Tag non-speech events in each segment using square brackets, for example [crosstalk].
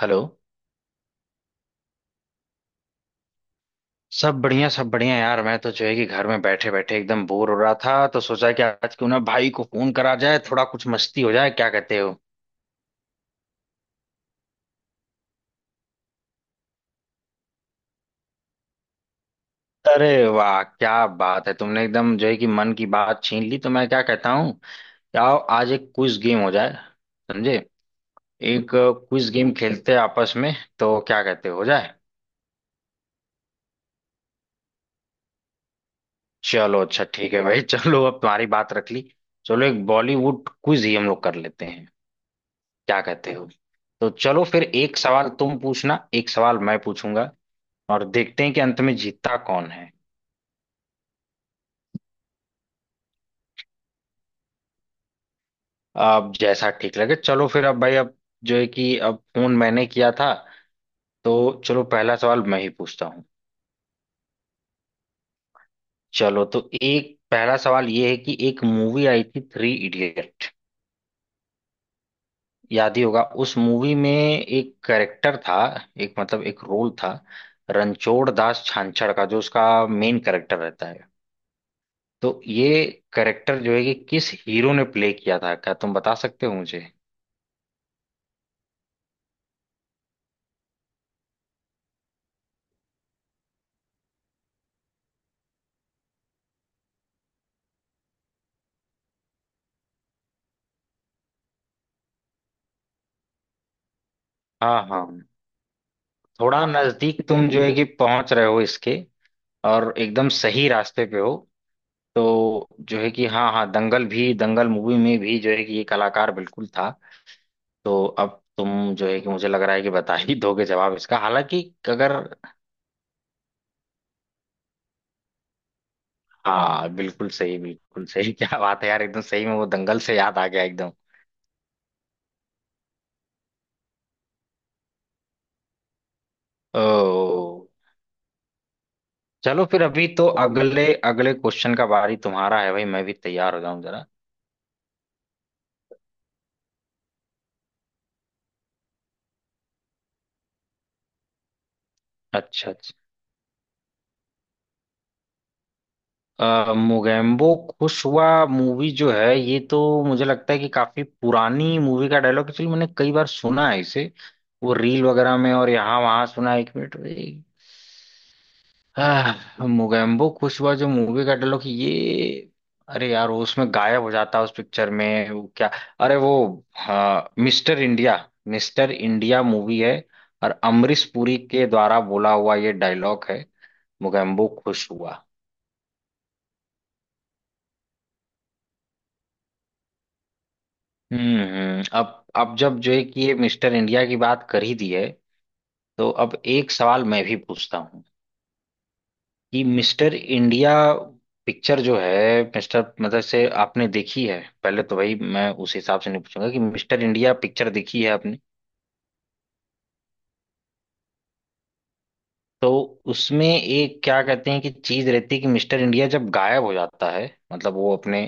Hello. सब बढ़िया यार, मैं तो जो है कि घर में बैठे बैठे एकदम बोर हो रहा था, तो सोचा कि आज क्यों ना भाई को फोन करा जाए, थोड़ा कुछ मस्ती हो जाए, क्या कहते हो? अरे वाह, क्या बात है, तुमने एकदम जो है कि मन की बात छीन ली। तो मैं क्या कहता हूँ कि आओ आज एक क्विज गेम हो जाए, समझे? एक क्विज गेम खेलते हैं आपस में, तो क्या कहते हो जाए? चलो अच्छा ठीक है भाई। [laughs] चलो अब तुम्हारी बात रख ली। चलो एक बॉलीवुड क्विज ही हम लोग कर लेते हैं। क्या कहते हो? तो चलो फिर, एक सवाल तुम पूछना, एक सवाल मैं पूछूंगा, और देखते हैं कि अंत में जीतता कौन है। अब जैसा ठीक लगे। चलो फिर, अब भाई, अब जो है कि अब फोन मैंने किया था, तो चलो पहला सवाल मैं ही पूछता हूँ। चलो, तो एक पहला सवाल ये है कि एक मूवी आई थी, थ्री इडियट, याद ही होगा। उस मूवी में एक कैरेक्टर था, एक मतलब एक रोल था, रणछोड़ दास छांछड़ का, जो उसका मेन कैरेक्टर रहता है। तो ये करेक्टर जो है कि किस हीरो ने प्ले किया था, क्या तुम बता सकते हो मुझे? हाँ हाँ, थोड़ा नजदीक तुम जो है कि पहुंच रहे हो इसके, और एकदम सही रास्ते पे हो। तो जो है कि हाँ हाँ, दंगल भी, दंगल मूवी में भी जो है कि ये कलाकार बिल्कुल था। तो अब तुम जो है कि, मुझे लग रहा है कि बता ही दोगे जवाब इसका, हालांकि अगर। हाँ बिल्कुल सही, बिल्कुल सही। [laughs] क्या बात है यार, एकदम सही में वो दंगल से याद आ गया एकदम। ओ, चलो फिर, अभी तो अगले अगले क्वेश्चन का बारी तुम्हारा है भाई, मैं भी तैयार हो जाऊं जरा। अच्छा अच्छा। मोगेम्बो खुश हुआ मूवी जो है, ये तो मुझे लगता है कि काफी पुरानी मूवी का डायलॉग एक्चुअली, मैंने कई बार सुना है इसे, वो रील वगैरह में और यहाँ वहां सुना है। एक मिनट भाई। मोगेम्बो खुश हुआ जो मूवी का डायलॉग ये। अरे यार, वो उसमें गायब हो जाता है उस पिक्चर में, वो क्या? अरे वो, हाँ, Mister India, Mister India movie है। और अमरीश पुरी के द्वारा बोला हुआ ये डायलॉग है, मोगेम्बो खुश हुआ। अब जब जो है कि ये मिस्टर इंडिया की बात कर ही दी है, तो अब एक सवाल मैं भी पूछता हूँ कि मिस्टर इंडिया पिक्चर जो है, मिस्टर मतलब से आपने देखी है पहले? तो भाई मैं उस हिसाब से नहीं पूछूंगा कि मिस्टर इंडिया पिक्चर देखी है आपने। तो उसमें एक क्या कहते हैं कि चीज रहती है कि मिस्टर इंडिया जब गायब हो जाता है, मतलब वो अपने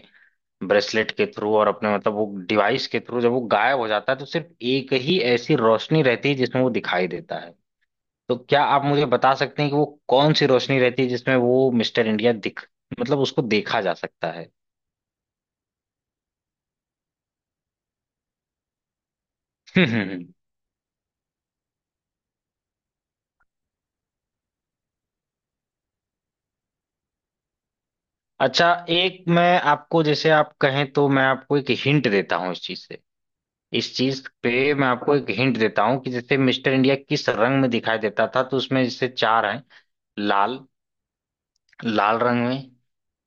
ब्रेसलेट के थ्रू और अपने मतलब वो डिवाइस के थ्रू जब वो गायब हो जाता है, तो सिर्फ एक ही ऐसी रोशनी रहती है जिसमें वो दिखाई देता है। तो क्या आप मुझे बता सकते हैं कि वो कौन सी रोशनी रहती है जिसमें वो मिस्टर इंडिया दिख, मतलब उसको देखा जा सकता है? [laughs] अच्छा, एक मैं आपको, जैसे आप कहें तो मैं आपको एक हिंट देता हूँ इस चीज से। इस चीज पे मैं आपको एक हिंट देता हूँ कि जैसे मिस्टर इंडिया किस रंग में दिखाई देता था, तो उसमें जैसे चार हैं। लाल, लाल रंग में,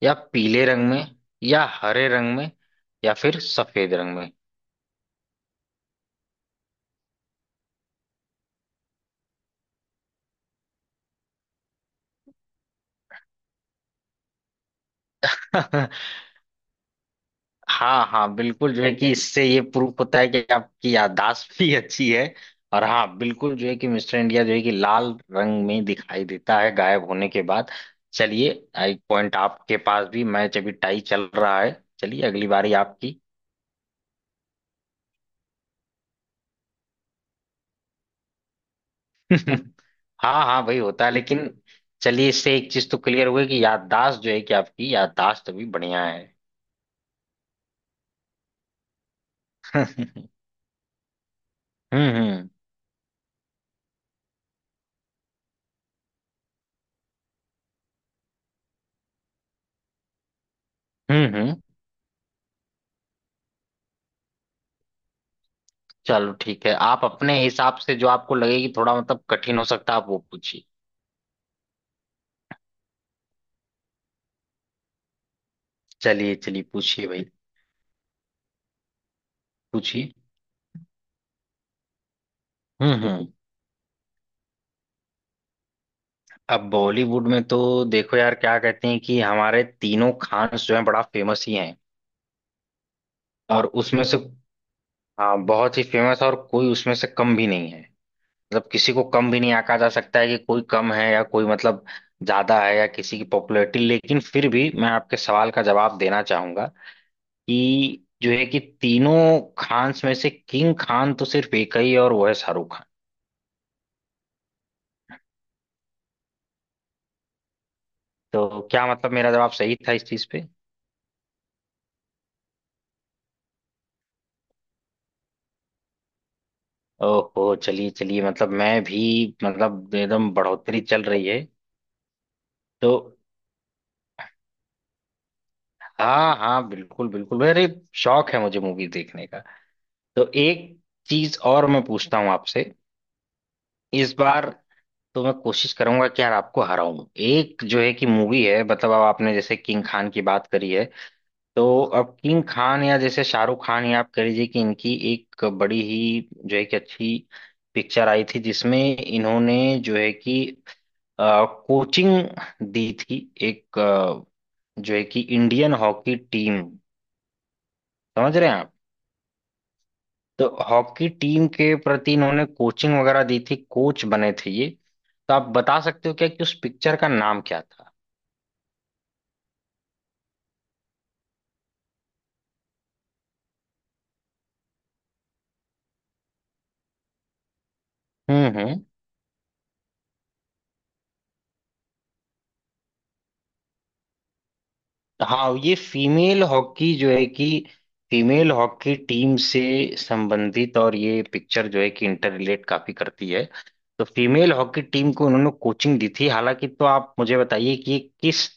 या पीले रंग में, या हरे रंग में, या फिर सफेद रंग में। [laughs] हाँ हाँ बिल्कुल, जो है कि इससे ये प्रूफ होता है कि आपकी याददाश्त भी अच्छी है। और हाँ बिल्कुल, जो है कि मिस्टर इंडिया जो है कि लाल रंग में दिखाई देता है गायब होने के बाद। चलिए, एक पॉइंट आपके पास भी, मैच अभी टाई चल रहा है। चलिए अगली बारी आपकी। [laughs] हाँ हाँ भाई, होता है। लेकिन चलिए, इससे एक चीज तो क्लियर हुई कि याददाश्त जो है कि आपकी याददाश्त अभी बढ़िया है। [laughs] हम्म हम्म। हम्म। चलो ठीक है, आप अपने हिसाब से जो आपको लगे कि थोड़ा मतलब कठिन हो सकता है, आप वो पूछिए। चलिए चलिए पूछिए भाई, पूछिए। हम्म। अब बॉलीवुड में तो, देखो यार, क्या कहते हैं कि हमारे तीनों खान जो है बड़ा फेमस ही हैं। और उसमें से, हाँ, बहुत ही फेमस, और कोई उसमें से कम भी नहीं है, मतलब किसी को कम भी नहीं आका जा सकता है कि कोई कम है या कोई मतलब ज्यादा है या किसी की पॉपुलैरिटी। लेकिन फिर भी मैं आपके सवाल का जवाब देना चाहूंगा कि जो है कि तीनों खान्स में से किंग खान तो सिर्फ एक ही है, और वो है शाहरुख खान। तो क्या मतलब मेरा जवाब सही था इस चीज पे? ओहो, चलिए चलिए, मतलब मैं भी, मतलब एकदम बढ़ोतरी चल रही है। तो हाँ हाँ बिल्कुल बिल्कुल, मेरे शौक है, मुझे मूवी देखने का। तो एक चीज और मैं पूछता हूँ आपसे इस बार। तो मैं कोशिश करूंगा कि यार आपको हराऊं। एक जो है कि मूवी है, मतलब अब आपने जैसे किंग खान की बात करी है, तो अब किंग खान या जैसे शाहरुख खान, या आप कह लीजिए कि, इनकी एक बड़ी ही जो है कि अच्छी पिक्चर आई थी जिसमें इन्होंने जो है कि कोचिंग दी थी, एक जो है कि इंडियन हॉकी टीम, समझ रहे हैं आप? तो हॉकी टीम के प्रति इन्होंने कोचिंग वगैरह दी थी, कोच बने थे ये। तो आप बता सकते हो क्या कि उस पिक्चर का नाम क्या था? हम्म। हाँ, ये फीमेल हॉकी जो है कि, फीमेल हॉकी टीम से संबंधित, और ये पिक्चर जो है कि इंटर रिलेट काफी करती है। तो फीमेल हॉकी टीम को उन्होंने कोचिंग दी थी हालांकि। तो आप मुझे बताइए कि ये किस,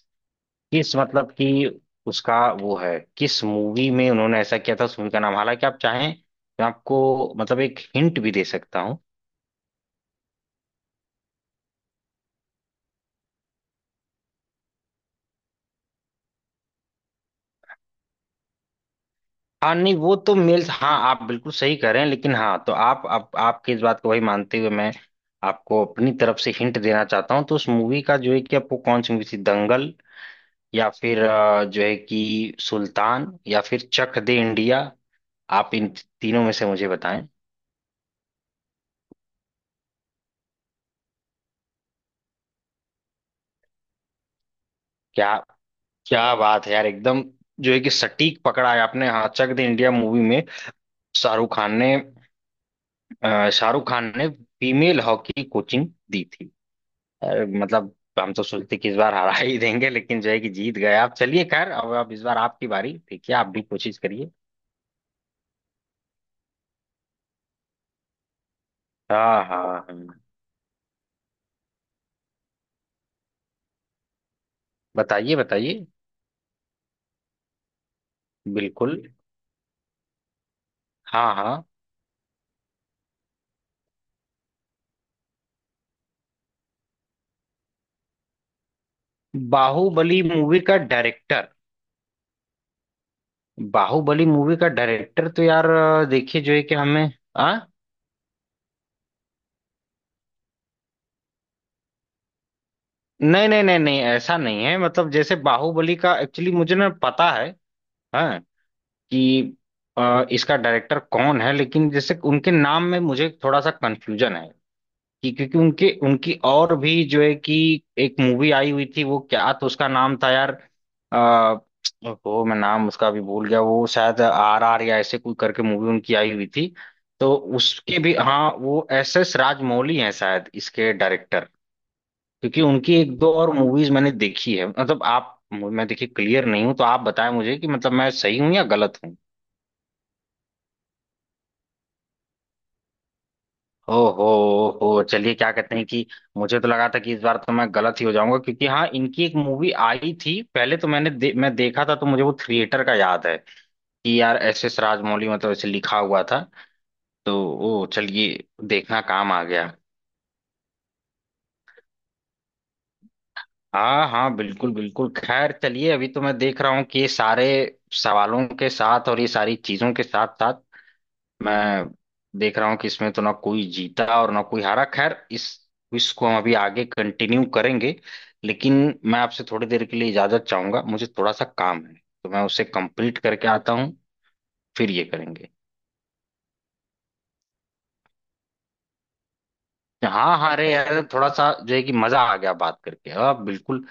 किस मतलब कि, उसका वो है किस मूवी में उन्होंने ऐसा किया था, उस मूवी का नाम। हालांकि आप चाहें, मैं आपको मतलब एक हिंट भी दे सकता हूँ। हाँ नहीं, वो तो मेल, हाँ आप बिल्कुल सही कह रहे हैं, लेकिन हाँ, तो आप आपकी इस बात को वही मानते हुए मैं आपको अपनी तरफ से हिंट देना चाहता हूँ। तो उस मूवी का जो है कि, आपको कौन सी मूवी थी, दंगल, या फिर जो है कि सुल्तान, या फिर चक दे इंडिया, आप इन तीनों में से मुझे बताएं। क्या, क्या बात है यार, एकदम जो है कि सटीक पकड़ा है आपने। हाँ, चक दे इंडिया मूवी में शाहरुख खान ने, शाहरुख खान ने फीमेल हॉकी कोचिंग दी थी। अरे मतलब, हम तो सोचते कि इस बार हरा ही देंगे, लेकिन जो है कि जीत गए आप। चलिए खैर, अब इस बार आपकी बारी, ठीक है, आप भी कोशिश करिए। हाँ हाँ। हाँ बताइए बताइए। बिल्कुल, हाँ हाँ। बाहुबली मूवी का डायरेक्टर? बाहुबली मूवी का डायरेक्टर तो यार, देखिए जो है कि हमें, आ? नहीं नहीं नहीं नहीं, ऐसा नहीं है, मतलब जैसे बाहुबली का, एक्चुअली मुझे ना पता है हाँ कि इसका डायरेक्टर कौन है, लेकिन जैसे उनके नाम में मुझे थोड़ा सा कंफ्यूजन है। कि क्योंकि उनके, उनकी और भी जो है कि एक मूवी आई हुई थी वो क्या, तो उसका नाम था यार, आ, वो मैं नाम उसका भी भूल गया। वो शायद आर आर या ऐसे कोई करके मूवी उनकी आई हुई थी, तो उसके भी, हाँ, वो एस एस राजमौली हैं शायद इसके डायरेक्टर। क्योंकि उनकी एक दो और मूवीज मैंने देखी है, मतलब आप, मैं देखिए क्लियर नहीं हूँ, तो आप बताएं मुझे कि मतलब मैं सही हूँ या गलत हूँ। ओहो, ओहो चलिए, क्या कहते हैं कि मुझे तो लगा था कि इस बार तो मैं गलत ही हो जाऊंगा। क्योंकि हाँ इनकी एक मूवी आई थी पहले तो मैंने मैं देखा था, तो मुझे वो थिएटर का याद है कि यार एस एस राजमौली मतलब ऐसे लिखा हुआ था। तो ओ चलिए, देखना काम आ गया। हाँ हाँ बिल्कुल बिल्कुल। खैर चलिए, अभी तो मैं देख रहा हूँ कि ये सारे सवालों के साथ और ये सारी चीजों के साथ साथ, मैं देख रहा हूँ कि इसमें तो ना कोई जीता और ना कोई हारा। खैर, इस क्विज को हम अभी आगे कंटिन्यू करेंगे, लेकिन मैं आपसे थोड़ी देर के लिए इजाजत चाहूंगा, मुझे थोड़ा सा काम है, तो मैं उसे कंप्लीट करके आता हूँ। फिर ये करेंगे। हाँ हाँ, अरे यार, थोड़ा सा जो है कि मजा आ गया बात करके, हाँ बिल्कुल।